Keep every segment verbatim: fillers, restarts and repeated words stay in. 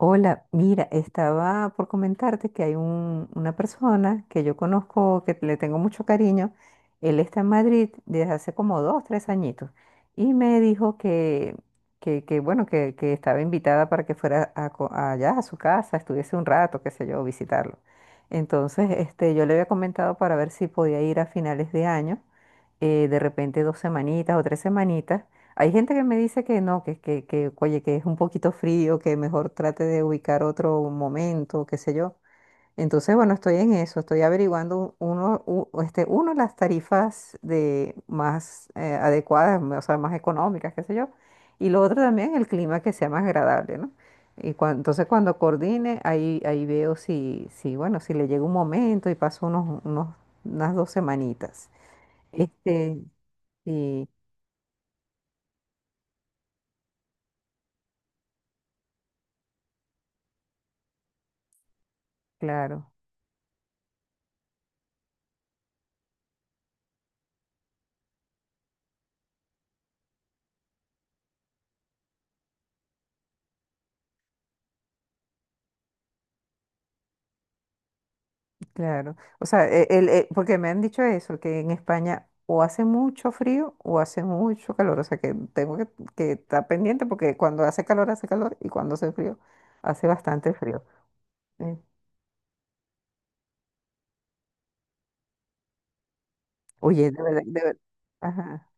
Hola, mira, estaba por comentarte que hay un- una persona que yo conozco, que le tengo mucho cariño. Él está en Madrid desde hace como dos, tres añitos y me dijo que, que, que, bueno, que, que estaba invitada para que fuera a co- allá a su casa, estuviese un rato, qué sé yo, visitarlo. Entonces, este, yo le había comentado para ver si podía ir a finales de año, eh, de repente dos semanitas o tres semanitas. Hay gente que me dice que no, que, que, que, oye, que es un poquito frío, que mejor trate de ubicar otro momento, qué sé yo. Entonces, bueno, estoy en eso, estoy averiguando uno, u- este, uno, las tarifas de más eh, adecuadas, o sea, más económicas, qué sé yo. Y lo otro también, el clima que sea más agradable, ¿no? Y cuan- entonces cuando coordine, ahí, ahí veo si, si, bueno, si le llega un momento y paso unos, unos, unas dos semanitas. Este, sí, claro. Claro, o sea, e- el- e- porque me han dicho eso, que en España o hace mucho frío o hace mucho calor, o sea que tengo que, que estar pendiente porque cuando hace calor hace calor y cuando hace frío hace bastante frío. Eh, Oye, de verdad, de ver- ajá,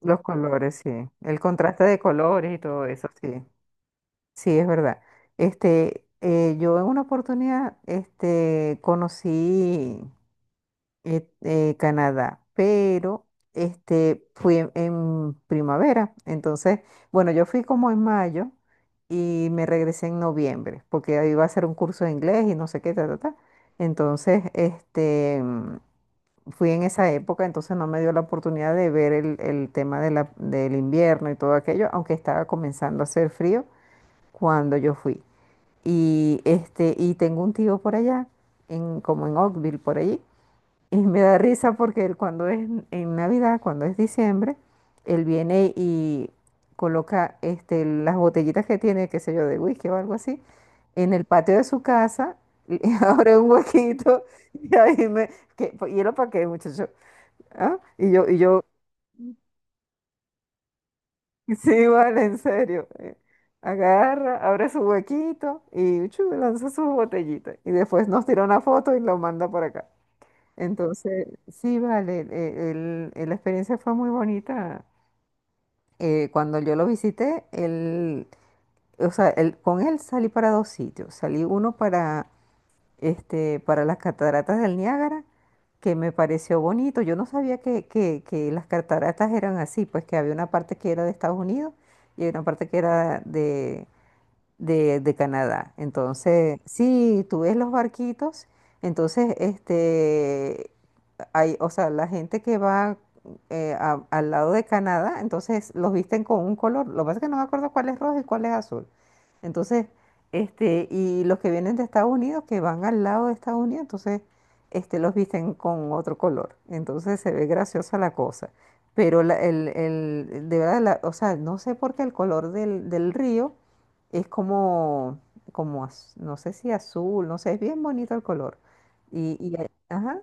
los colores, sí, el contraste de colores y todo eso, sí, sí, es verdad. Este, eh, yo en una oportunidad, este, conocí eh, eh, Canadá, pero este, fui en, en primavera. Entonces, bueno, yo fui como en mayo y me regresé en noviembre, porque ahí iba a hacer un curso de inglés y no sé qué, ta, ta, ta. Entonces, este, mm, fui en esa época, entonces no me dio la oportunidad de ver el, el tema de la- del invierno y todo aquello, aunque estaba comenzando a hacer frío cuando yo fui. Y, este, y tengo un tío por allá, en, como en Oakville, por allí. Y me da risa porque él cuando es en Navidad, cuando es diciembre, él viene y coloca este, las botellitas que tiene, qué sé yo, de whisky o algo así, en el patio de su casa, y abre un huequito y ahí me... Que, ¿y lo para qué, muchacho? ¿Ah? Y yo, y yo, sí, vale, en serio. eh, Agarra, abre su huequito y chu, lanza sus botellitas. Y después nos tira una foto y lo manda por acá. Entonces, sí, vale, eh, el- el- la experiencia fue muy bonita. Eh, cuando yo lo visité, él, o sea, él- con él salí para dos sitios. Salí uno para, este, para las cataratas del Niágara, que me pareció bonito. Yo no sabía que, que, que las cataratas eran así, pues que había una parte que era de Estados Unidos y había una parte que era de, de, de Canadá. Entonces, sí, tú ves los barquitos. Entonces, este, hay, o sea, la gente que va eh, a- al lado de Canadá, entonces los visten con un color. Lo que pasa es que no me acuerdo cuál es rojo y cuál es azul. Entonces, este, y los que vienen de Estados Unidos, que van al lado de Estados Unidos, entonces, este, los visten con otro color. Entonces se ve graciosa la cosa. Pero la- el, el- de verdad, la- o sea, no sé por qué el color del, del río es como, como, az- no sé si azul, no sé, es bien bonito el color. Y, y, ajá,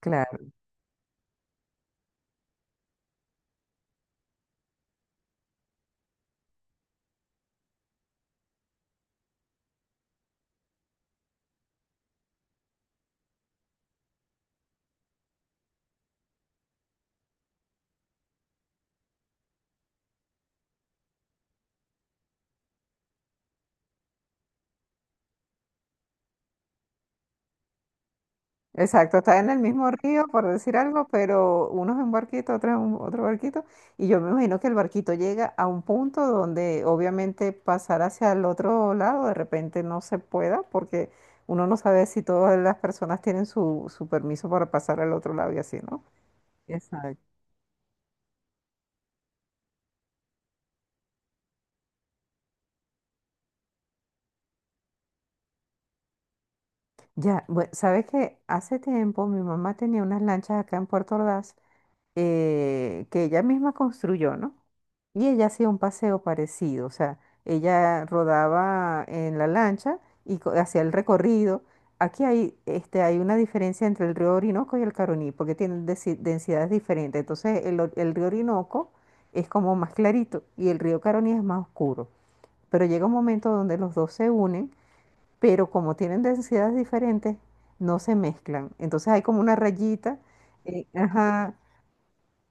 claro. Exacto, está en el mismo río, por decir algo, pero uno es en un barquito, otro es en un- otro barquito, y yo me imagino que el barquito llega a un punto donde obviamente pasar hacia el otro lado de repente no se pueda, porque uno no sabe si todas las personas tienen su, su permiso para pasar al otro lado y así, ¿no? Exacto. Ya, bueno, sabes que hace tiempo mi mamá tenía unas lanchas acá en Puerto Ordaz, eh, que ella misma construyó, ¿no? Y ella hacía un paseo parecido, o sea, ella rodaba en la lancha y co- hacía el recorrido. Aquí hay, este, hay una diferencia entre el río Orinoco y el Caroní, porque tienen desi- densidades diferentes. Entonces, el, or- el río Orinoco es como más clarito y el río Caroní es más oscuro. Pero llega un momento donde los dos se unen, pero como tienen densidades diferentes, no se mezclan. Entonces, hay como una rayita. eh, ajá,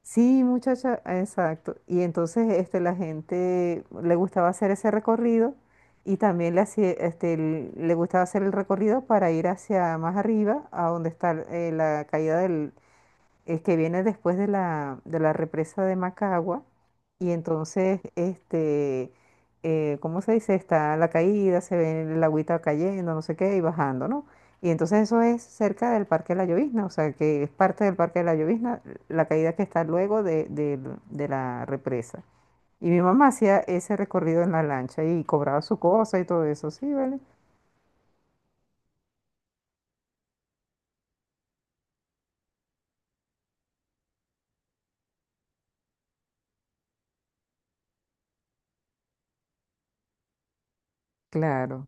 sí, muchacha, exacto. Y entonces este, la gente le gustaba hacer ese recorrido y también le, hacía, este, el- le gustaba hacer el recorrido para ir hacia más arriba, a donde está eh, la caída, el que viene después de la, de la represa de Macagua. Y entonces, este, eh, ¿cómo se dice? Está la caída, se ve el agüita cayendo, no sé qué, y bajando, ¿no? Y entonces eso es cerca del Parque de la Llovizna, o sea, que es parte del Parque de la Llovizna, la caída que está luego de, del- de la represa. Y mi mamá hacía ese recorrido en la lancha y cobraba su cosa y todo eso, sí, ¿vale? Claro,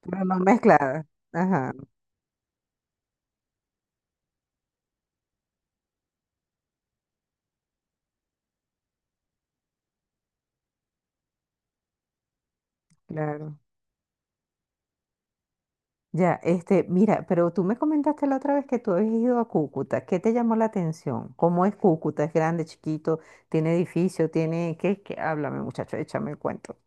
pero no mezclada. Ajá, claro. Ya, este, mira, pero tú me comentaste la otra vez que tú habías ido a Cúcuta. ¿Qué te llamó la atención? ¿Cómo es Cúcuta? ¿Es grande, chiquito? ¿Tiene edificio? ¿Tiene qué? ¿Qué? Háblame, muchacho, échame el cuento.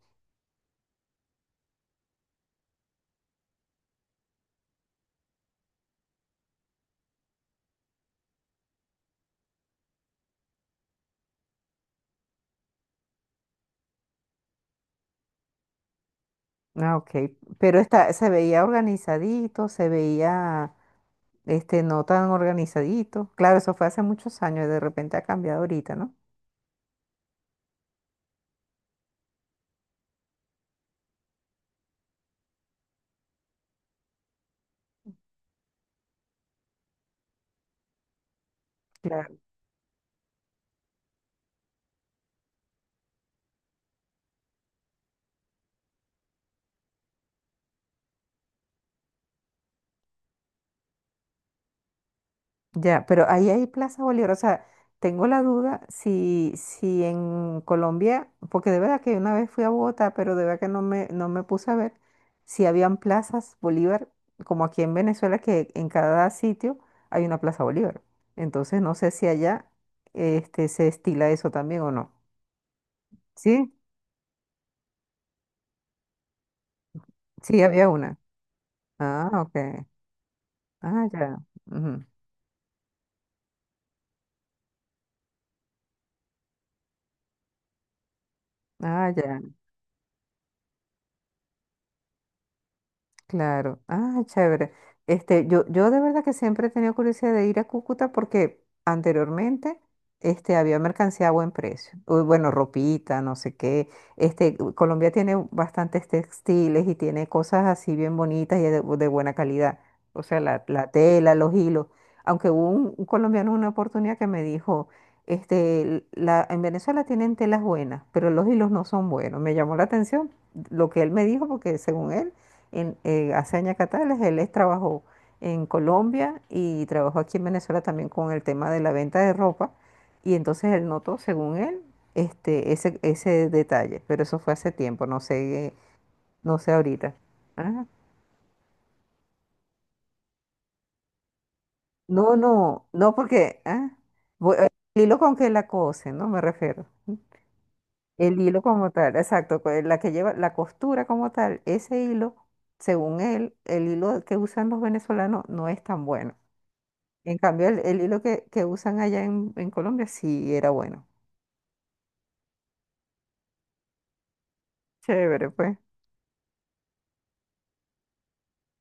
Ah, ok. Pero está, se veía organizadito, se veía, este, no tan organizadito. Claro, eso fue hace muchos años y de repente ha cambiado ahorita, ¿no? Ya, pero ahí hay Plaza Bolívar. O sea, tengo la duda si, si en Colombia, porque de verdad que una vez fui a Bogotá, pero de verdad que no me, no me puse a ver si habían plazas Bolívar, como aquí en Venezuela, que en cada sitio hay una Plaza Bolívar. Entonces no sé si allá este, se estila eso también o no. ¿Sí? Sí, había una. Ah, ok. Ah, ya. Ujú. Ah, ya. Claro, ah, chévere. Este, yo, yo de verdad que siempre he tenido curiosidad de ir a Cúcuta porque anteriormente este, había mercancía a buen precio. Uy, bueno, ropita, no sé qué. Este, u- Colombia tiene bastantes textiles y tiene cosas así bien bonitas y de, de buena calidad. O sea, la, la tela, los hilos. Aunque hubo un, un colombiano en una oportunidad que me dijo, este, l- la, en Venezuela tienen telas buenas, pero los hilos no son buenos. Me llamó la atención lo que él me dijo porque según él en, eh, hace años Catales, él es- trabajó en Colombia y trabajó aquí en Venezuela también con el tema de la venta de ropa. Y entonces él notó, según él, este, ese, ese detalle. Pero eso fue hace tiempo, no sé, no sé ahorita. Ah, no, no, no, porque ah, voy- eh, el hilo con que la cose, ¿no? Me refiero. El hilo como tal, exacto, co- la que lleva la costura como tal, ese hilo, según él, el hilo que usan los venezolanos no es tan bueno. En cambio, el, el hilo que, que usan allá en, en Colombia sí era bueno. Chévere, pues.